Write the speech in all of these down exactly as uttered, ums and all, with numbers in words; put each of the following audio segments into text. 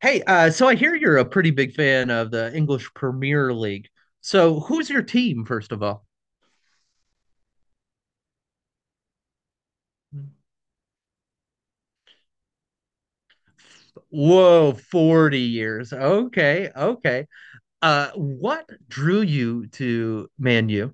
Hey, uh, so I hear you're a pretty big fan of the English Premier League. So who's your team, first of all? Whoa, forty years. Okay, okay. Uh, what drew you to Man U?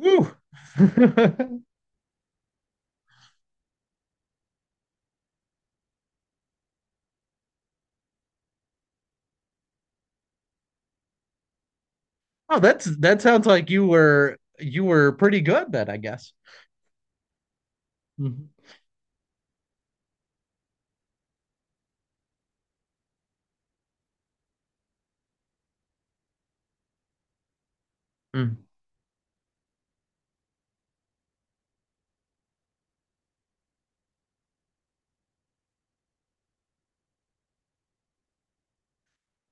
Woo. Oh, that's that sounds like you were you were pretty good then, I guess. Mhm.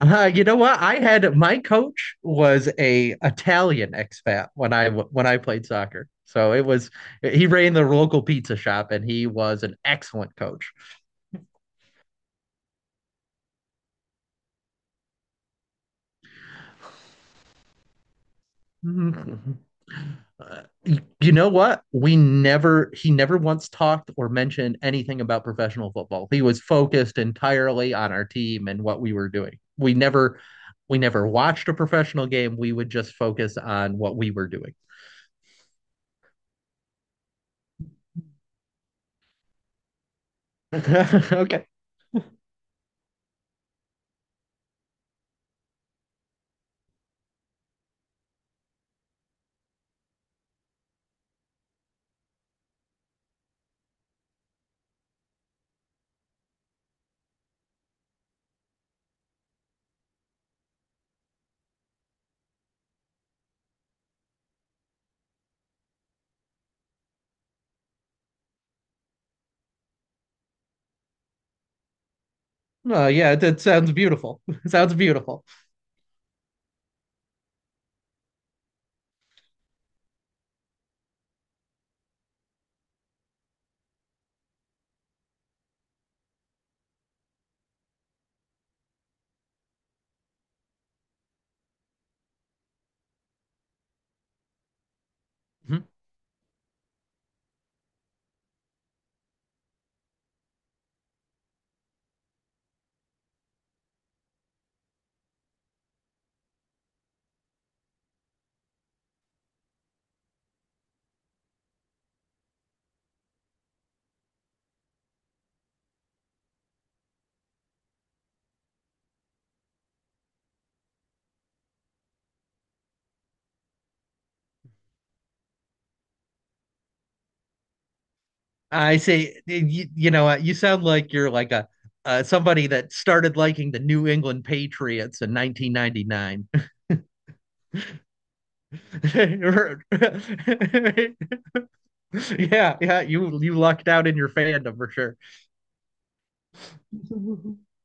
Uh, you know what? I had my coach was a Italian expat when I w- when I played soccer. So it was he ran the local pizza shop and he was an excellent coach. Mhm. Uh, y- you know what? We never he never once talked or mentioned anything about professional football. He was focused entirely on our team and what we were doing. We never we never watched a professional game. We would just focus on what we were doing. Okay. Oh, yeah, that sounds beautiful. Sounds beautiful. Mhm. I say, you, you know, you sound like you're like a uh, somebody that started liking the New England Patriots in nineteen ninety-nine. Yeah, yeah, you you lucked out in your fandom for sure.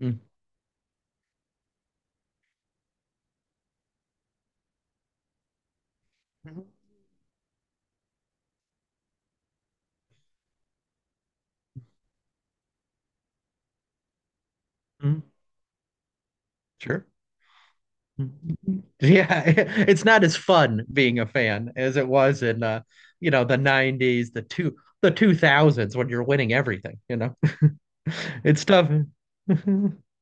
Mm. Mm. Sure. Yeah, it's not as fun being a fan as it was in uh, you know, the nineties, the two the two thousands when you're winning everything, you know. It's tough.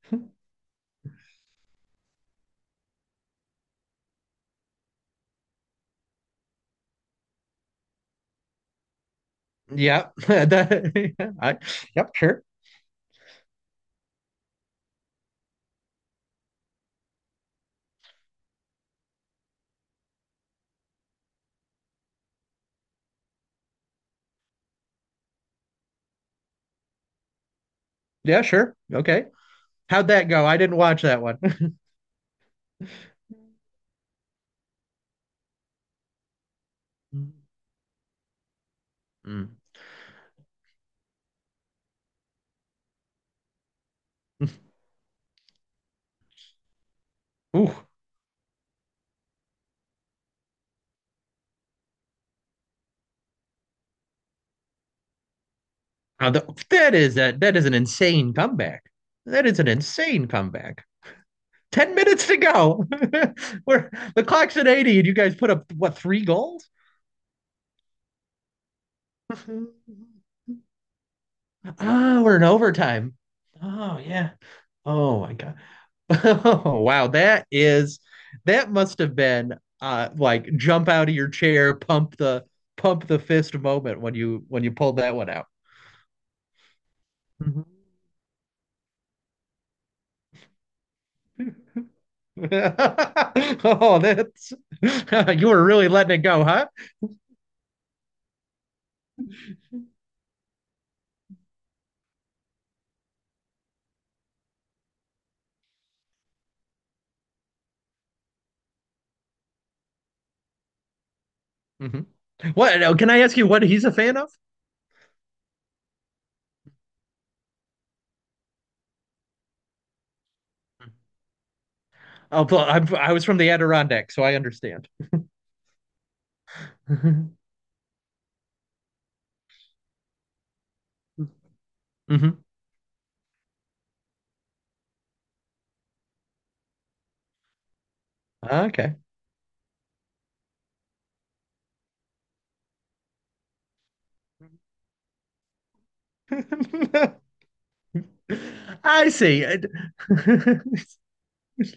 Yeah, That- I, yep, sure. Yeah, sure. Okay. How'd that go? I didn't watch that one. Mm. Ooh. Now the- that is a, that is an insane comeback. That is an insane comeback. ten minutes to go. We're the clock's at eighty and you guys put up what three goals? Ah, we're in overtime. Oh yeah. Oh my God. Oh wow. That is that must have been uh like jump out of your chair, pump the pump the fist moment when you when you pulled that one out. Mhm. Oh, that's you were really letting it go, huh? Hmm. What uh, can I ask you what he's a fan of? Oh, well, I'm, I was from the Adirondack, so I understand. Hmm. Okay. I see.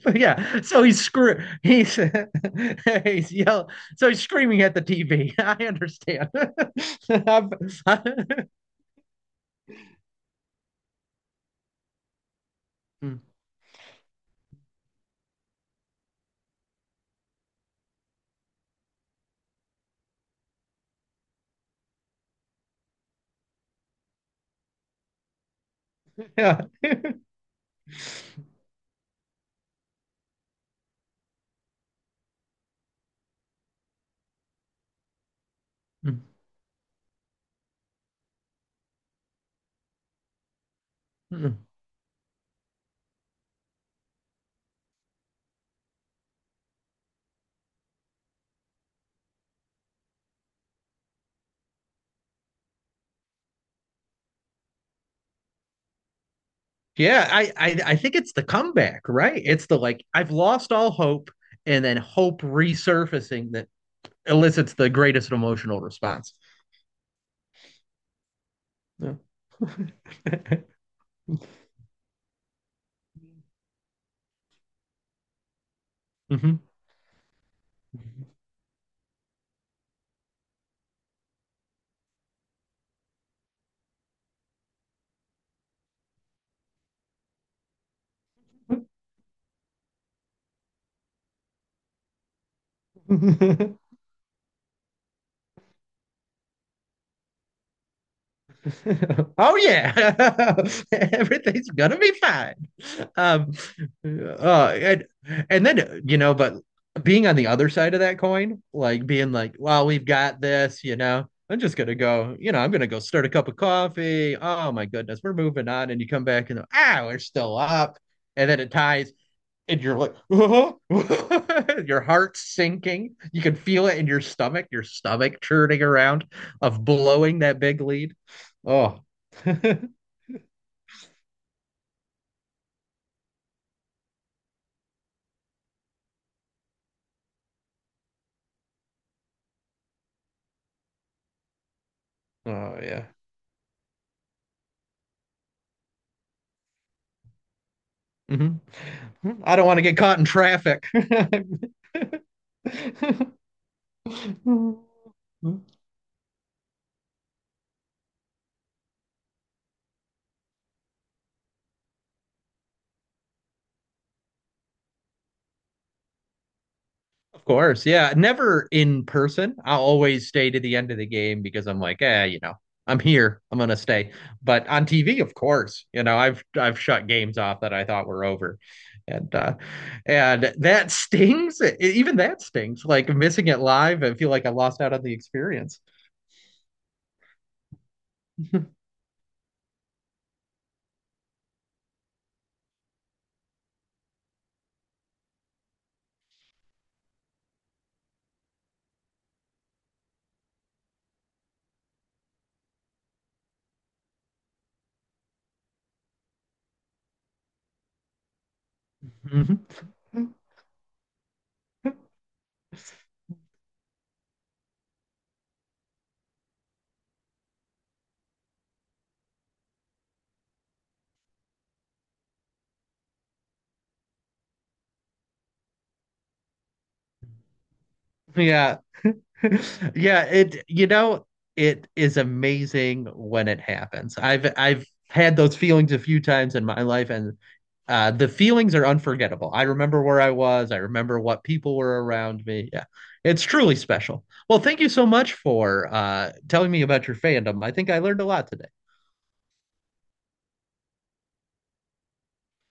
But yeah, so he's screw he's he's yell so he's screaming at the T V. I understand. I've- I- yeah. Yeah, I, I I think it's the comeback, right? It's the like I've lost all hope and then hope resurfacing that elicits the greatest emotional response. Yeah. Mhm. Oh yeah. Everything's gonna be fine. um uh and and then you know but being on the other side of that coin like being like well we've got this you know I'm just gonna go you know I'm gonna go start a cup of coffee. Oh my goodness, we're moving on and you come back and ah we're still up and then it ties and you're like oh, your heart's sinking, you can feel it in your stomach, your stomach churning around of blowing that big lead. Oh. Oh yeah. Mm-hmm. Hmm. I don't want to get caught in traffic. Of course, yeah. Never in person. I always stay to the end of the game because I'm like, eh, you know, I'm here. I'm gonna stay. But on T V, of course, you know, I've I've shut games off that I thought were over, and uh, and that stings. E- Even that stings. Like missing it live, I feel like I lost out on the experience. Mhm. Yeah. Yeah, it you know, it is amazing when it happens. I've I've had those feelings a few times in my life, and uh the feelings are unforgettable. I remember where I was, I remember what people were around me. Yeah. It's truly special. Well, thank you so much for uh telling me about your fandom. I think I learned a lot today.